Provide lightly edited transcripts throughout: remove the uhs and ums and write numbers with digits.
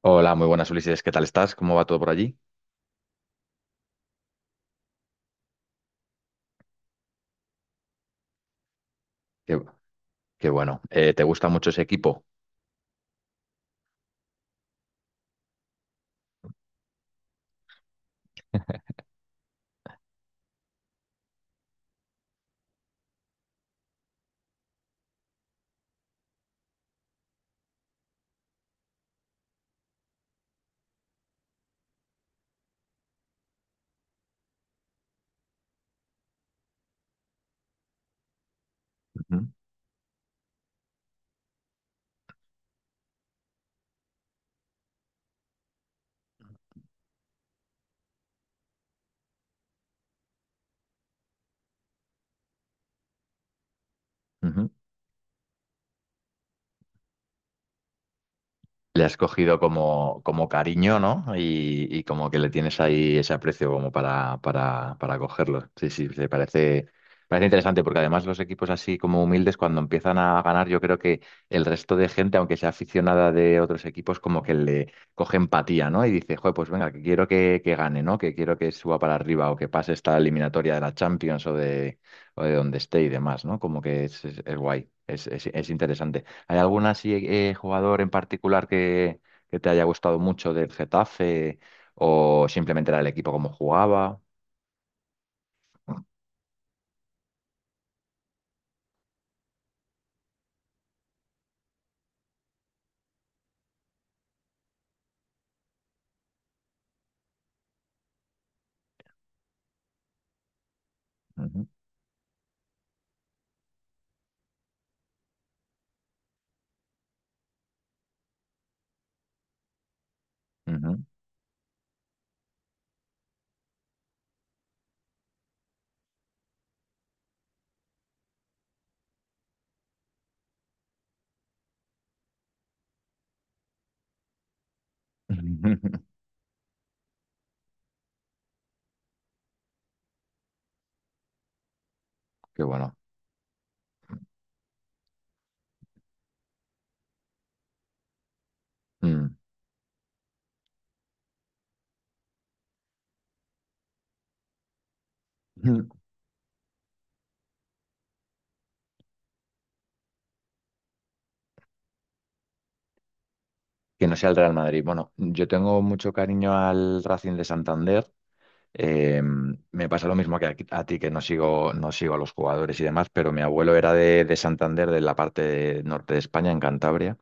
Hola, muy buenas Ulises, ¿qué tal estás? ¿Cómo va todo por allí? Qué, qué bueno. ¿Te gusta mucho ese equipo? Ujú, ujú. Le has cogido como cariño, ¿no? Y como que le tienes ahí ese aprecio como para, para cogerlo. Sí, sí, se parece interesante porque además los equipos así como humildes cuando empiezan a ganar, yo creo que el resto de gente, aunque sea aficionada de otros equipos, como que le coge empatía, ¿no? Y dice, joder, pues venga, que quiero que gane, ¿no? Que quiero que suba para arriba o que pase esta eliminatoria de la Champions o de donde esté y demás, ¿no? Como que es guay, es interesante. ¿Hay algún así jugador en particular que te haya gustado mucho del Getafe o simplemente era el equipo como jugaba? Ujú, ujú. Qué bueno. Mm. Que no sea el Real Madrid. Bueno, yo tengo mucho cariño al Racing de Santander. Eh, Me pasa lo mismo que a ti, que no sigo, no sigo a los jugadores y demás, pero mi abuelo era de Santander, de la parte norte de España, en Cantabria,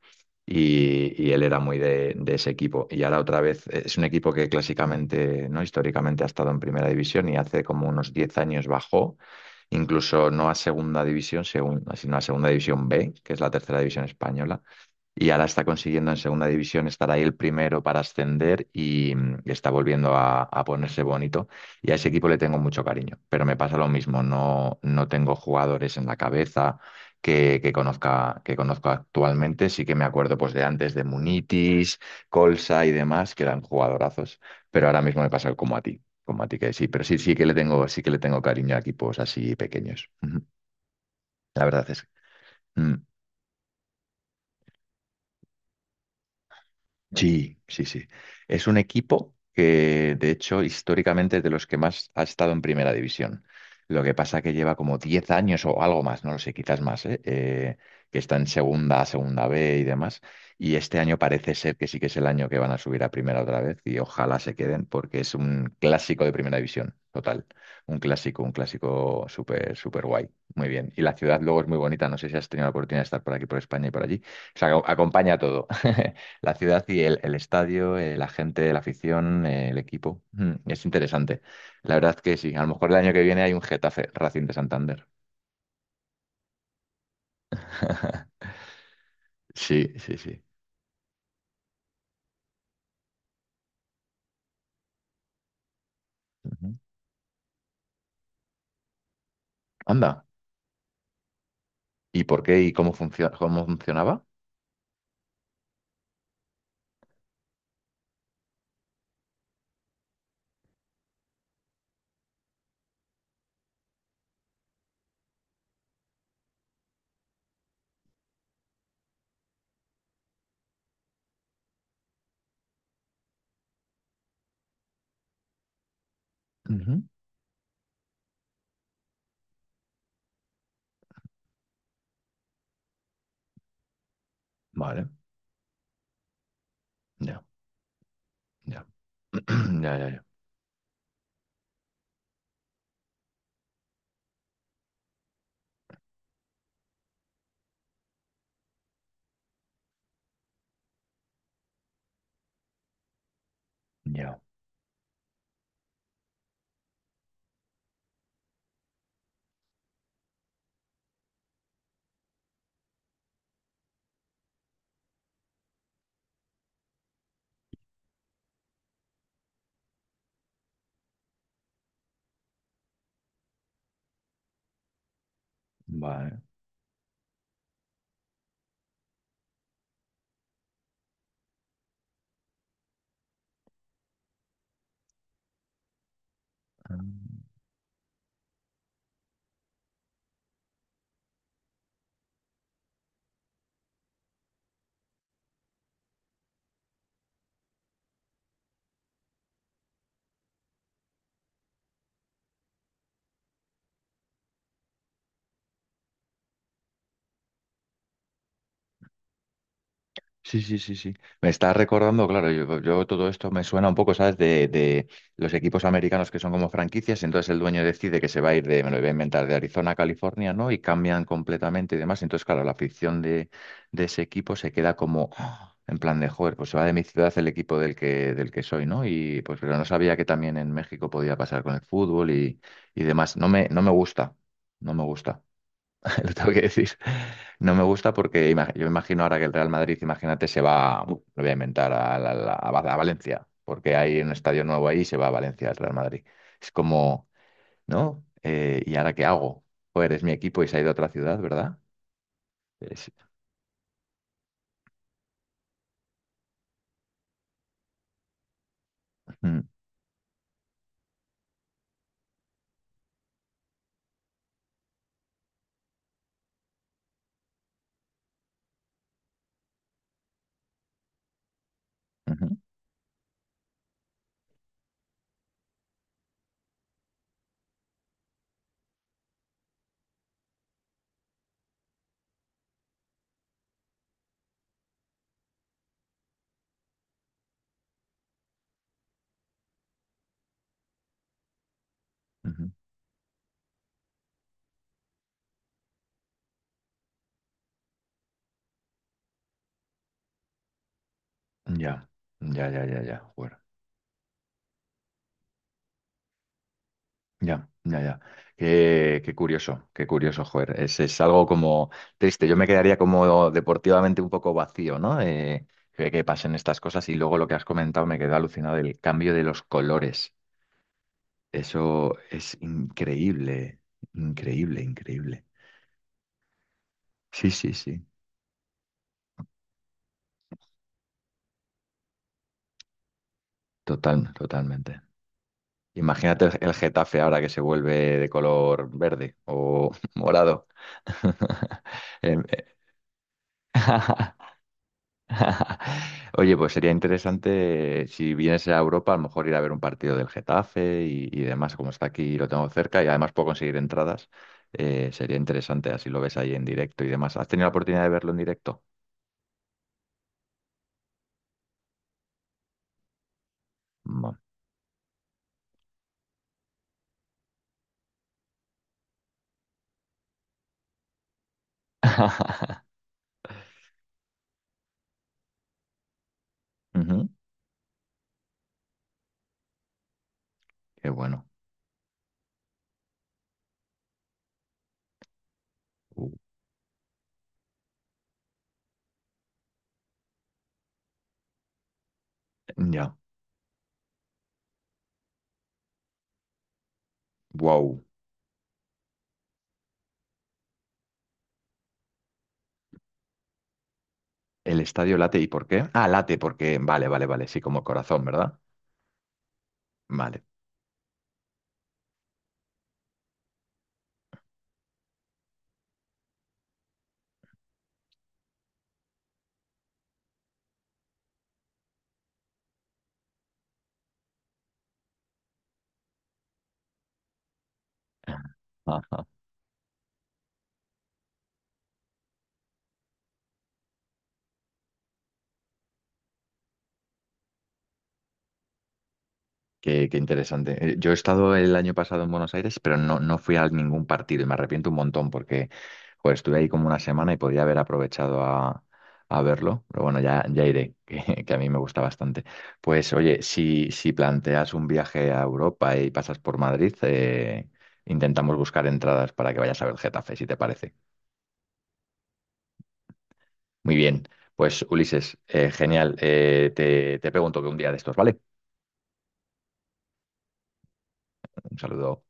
y él era muy de ese equipo. Y ahora otra vez es un equipo que clásicamente, ¿no? Históricamente ha estado en primera división y hace como unos 10 años bajó, incluso no a segunda división, según, sino a segunda división B, que es la tercera división española, y ahora está consiguiendo en segunda división estar ahí el primero para ascender y, mm, está volviendo a ponerse bonito. Y a ese equipo le tengo mucho cariño, pero me pasa lo mismo, no, no tengo jugadores en la cabeza que conozca, que conozco actualmente. Sí que me acuerdo pues, de antes, de Munitis, Colsa y demás, que eran jugadorazos, pero ahora mismo me pasa como a ti. Como a ti que sí, pero sí, sí que le tengo, sí que le tengo cariño a equipos así pequeños. Ujú. La verdad es. Mm. Sí, sí, sí. Es un equipo que, de hecho, históricamente es de los que más ha estado en primera división. Lo que pasa que lleva como 10 años o algo más, no lo sé, quizás más, ¿eh? Que está en segunda B y demás. Y este año parece ser que sí que es el año que van a subir a primera otra vez y ojalá se queden porque es un clásico de primera división, total. Un clásico súper, súper guay. Muy bien. Y la ciudad luego es muy bonita. No sé si has tenido la oportunidad de estar por aquí, por España y por allí. O sea, acompaña todo. La ciudad y el estadio, la gente, la afición, el equipo. Mm, es interesante. La verdad que sí. A lo mejor el año que viene hay un Getafe Racing de Santander. Sí, sí, sí. Ujú. Anda. ¿Y por qué y cómo funciona, cómo funcionaba? Ujú. Vale. Ya, ya. Ya, ya, ya. Ya. Vale. Sí, sí, sí, sí. Me está recordando, claro, yo todo esto me suena un poco, ¿sabes? De los equipos americanos que son como franquicias, entonces el dueño decide que se va a ir de, me lo voy a inventar, de Arizona a California, ¿no? Y cambian completamente y demás. Entonces, claro, la afición de ese equipo se queda como ¡ah! En plan de, joder, pues se va de mi ciudad el equipo del que soy, ¿no? Y pues, pero no sabía que también en México podía pasar con el fútbol y demás. No me gusta, no me gusta. Lo tengo que decir. No me gusta porque yo me imagino ahora que el Real Madrid, imagínate, se va, lo voy a inventar, a, la- la- a Va- a Valencia, porque hay un estadio nuevo ahí y se va a Valencia el Real Madrid. Es como, ¿no? ¿Y ahora qué hago? Joder, es mi equipo y se ha ido a otra ciudad, ¿verdad? Es- Mm, ujú, ujú. Ya, ya, ya, ya, ya. Bueno. Ya, ya, ya. Qué, qué curioso, joder. Es algo como triste. Yo me quedaría como deportivamente un poco vacío, ¿no? Que pasen estas cosas. Y luego lo que has comentado me quedó alucinado, el cambio de los colores. Eso es increíble, increíble, increíble. Sí, sí, sí. Total, totalmente. Imagínate el Getafe ahora que se vuelve de color verde o morado. Em, Oye, pues sería interesante si vienes a Europa, a lo mejor ir a ver un partido del Getafe y demás, como está aquí y lo tengo cerca y además puedo conseguir entradas. Sería interesante, así lo ves ahí en directo y demás. ¿Has tenido la oportunidad de verlo en directo? No. Ujú. Qué bueno. Uh. Ya. Wow. El estadio late, ¿y por qué? Ah, late, porque. Vale, vale, vale. Sí, como corazón, ¿verdad? Vale. Qué, qué interesante. Yo he estado el año pasado en Buenos Aires, pero no, no fui a ningún partido y me arrepiento un montón porque joder, estuve ahí como una semana y podría haber aprovechado a verlo. Pero bueno, ya, ya iré, que a mí me gusta bastante. Pues oye, si planteas un viaje a Europa y pasas por Madrid, intentamos buscar entradas para que vayas a ver Getafe, si te parece. Muy bien, pues Ulises, genial. Te pregunto que un día de estos, ¿vale? Un saludo.